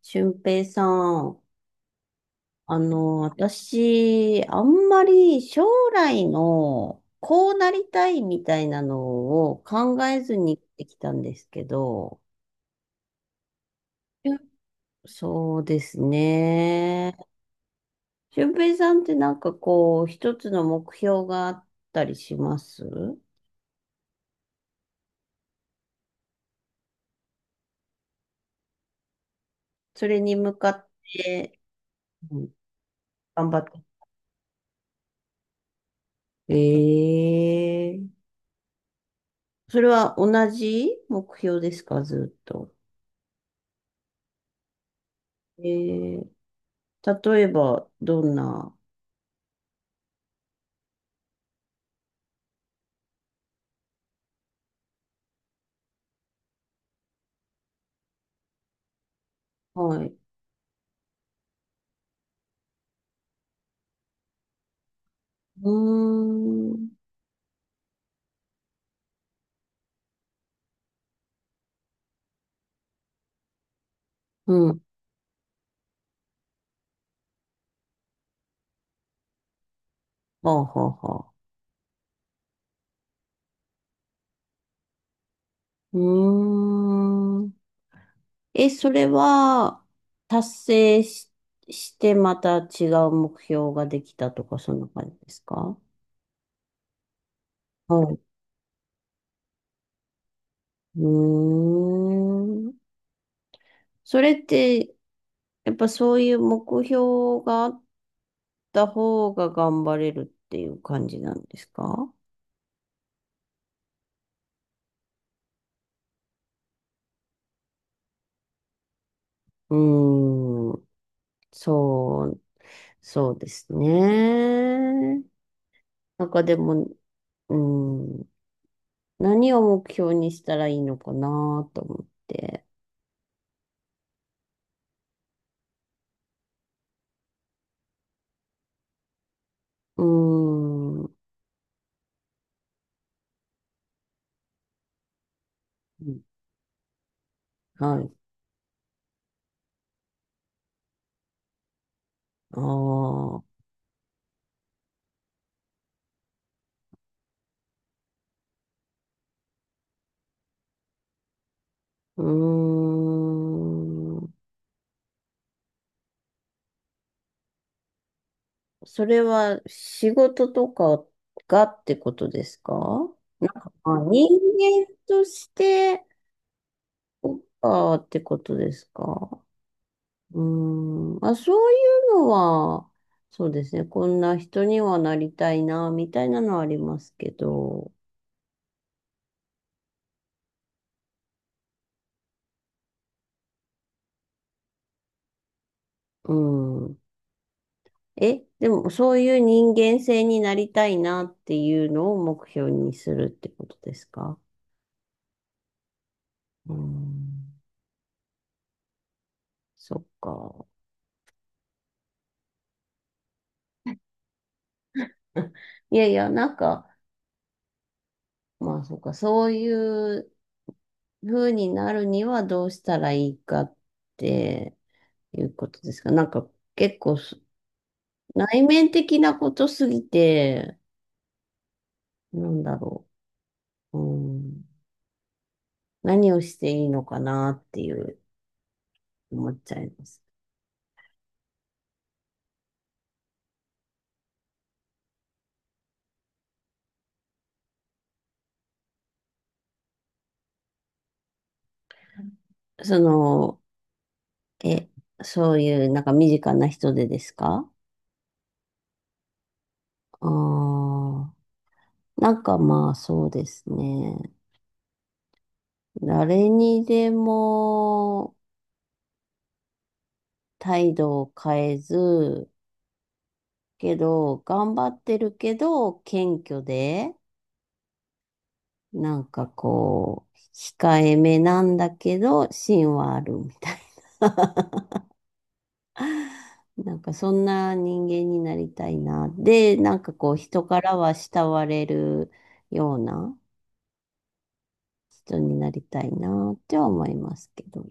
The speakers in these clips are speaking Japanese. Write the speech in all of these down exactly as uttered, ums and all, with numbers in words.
俊平さん、あの、私、あんまり将来のこうなりたいみたいなのを考えずに生きてきたんですけど、しゅそうですね。俊平さんってなんかこう、一つの目標があったりします？それに向かって、うん、頑張って。ええ、それは同じ目標ですか、ずっと。ええ、例えば、どんな、はい。うーん。うん。はあ、はあ、はあ。うーん。え、それは、達成し、してまた違う目標ができたとか、そんな感じですか？はい。うーん。それって、やっぱそういう目標があった方が頑張れるっていう感じなんですか？うーん。そう、そうですね。なんかでも、うん、何を目標にしたらいいのかなと思って。うーん、はい。ああ、うーん。それは仕事とかがってことですか？あ、人間としてとかってことですか？うーん。あ、そういうのは、そうですね。こんな人にはなりたいな、みたいなのはありますけど。うん。え、でもそういう人間性になりたいなっていうのを目標にするってことですか？うーん、そっか。いやいや、なんか、まあそっか、そういう風になるにはどうしたらいいかっていうことですか？なんか結構す内面的なことすぎて、なんだろう。うん、何をしていいのかなっていう思っちゃいます。その、え、そういうなんか身近な人でですか？ああ、なんかまあそうですね。誰にでも態度を変えず、けど、頑張ってるけど、謙虚で、なんかこう、控えめなんだけど、芯はあるみたいな。なんかそんな人間になりたいな。で、なんかこう、人からは慕われるような。人になりたいなっては思いますけど。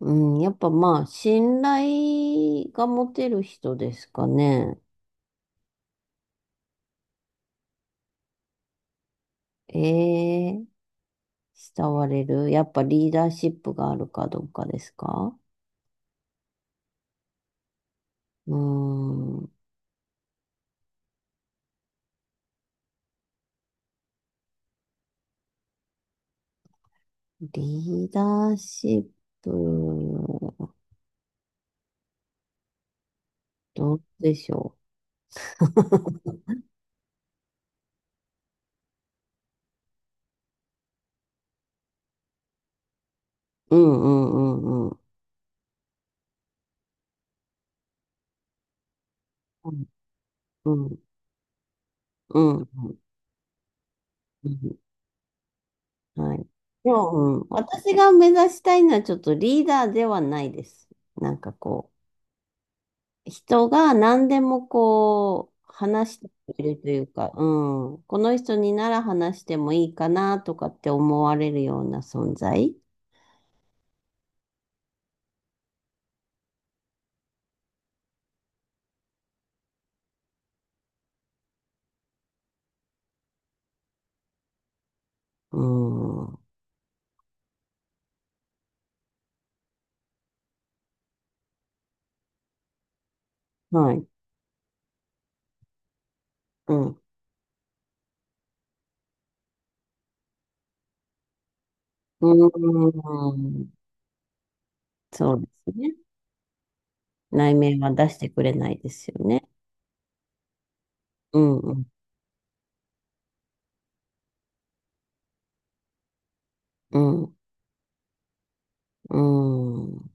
うん、やっぱまあ、信頼が持てる人ですかね。ええ、慕われる。やっぱリーダーシップがあるかどうかですか？うん、リーダーシップ、どうでしょう。うんうんうんうん。うんうんうんうん。はい。でも、うん、私が目指したいのはちょっとリーダーではないです。なんかこう。人が何でもこう、話してくれるというか、うん。この人になら話してもいいかなとかって思われるような存在。うん。はい。うん。うん。そうですね。内面は出してくれないですよね。うん。うん。うん。うん、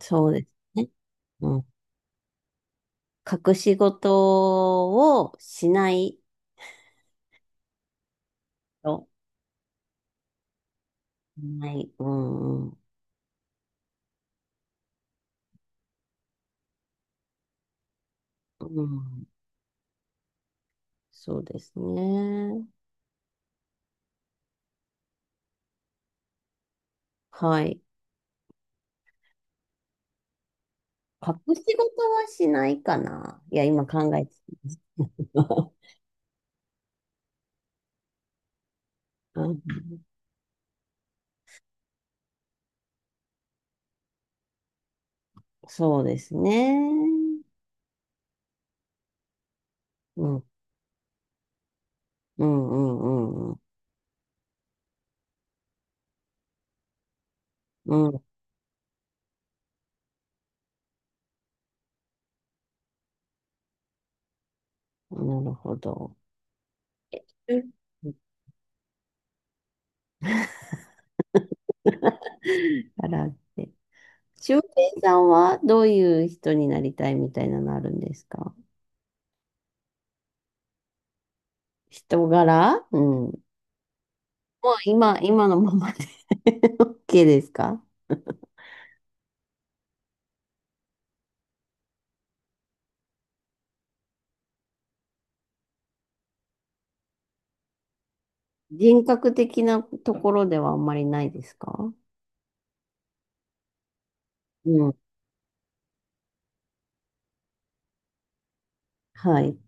そうですね。うん。隠し事をしないと。ない。うん。うん。うん、そうですね。はい。隠し事はしないかな。いや、今考えてた。うん、そうですね。うん、うん、うん、うん、うん。なるほど。え、 からって。俊平さんはどういう人になりたいみたいなのあるんですか？人柄。うん。もう今、今のままで OK ですか？人格的なところではあんまりないですか？うん。はい。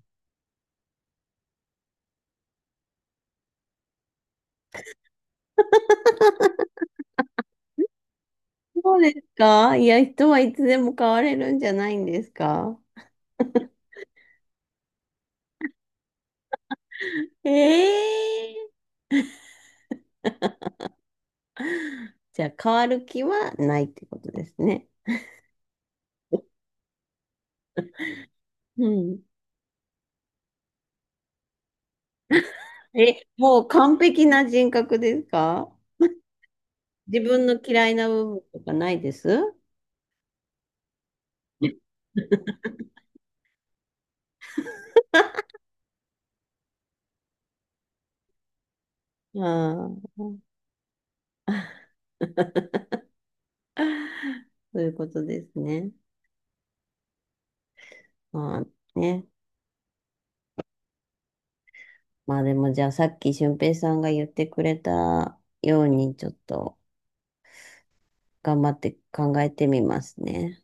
そうですか？いや、人はいつでも変われるんじゃないんですか？ええー、じゃあ変わる気はないってことですね。うん。え、もう完璧な人格ですか？自分の嫌いな部分とかないです？ああ、そういうことですね。まあね。まあでもじゃあさっき俊平さんが言ってくれたようにちょっと頑張って考えてみますね。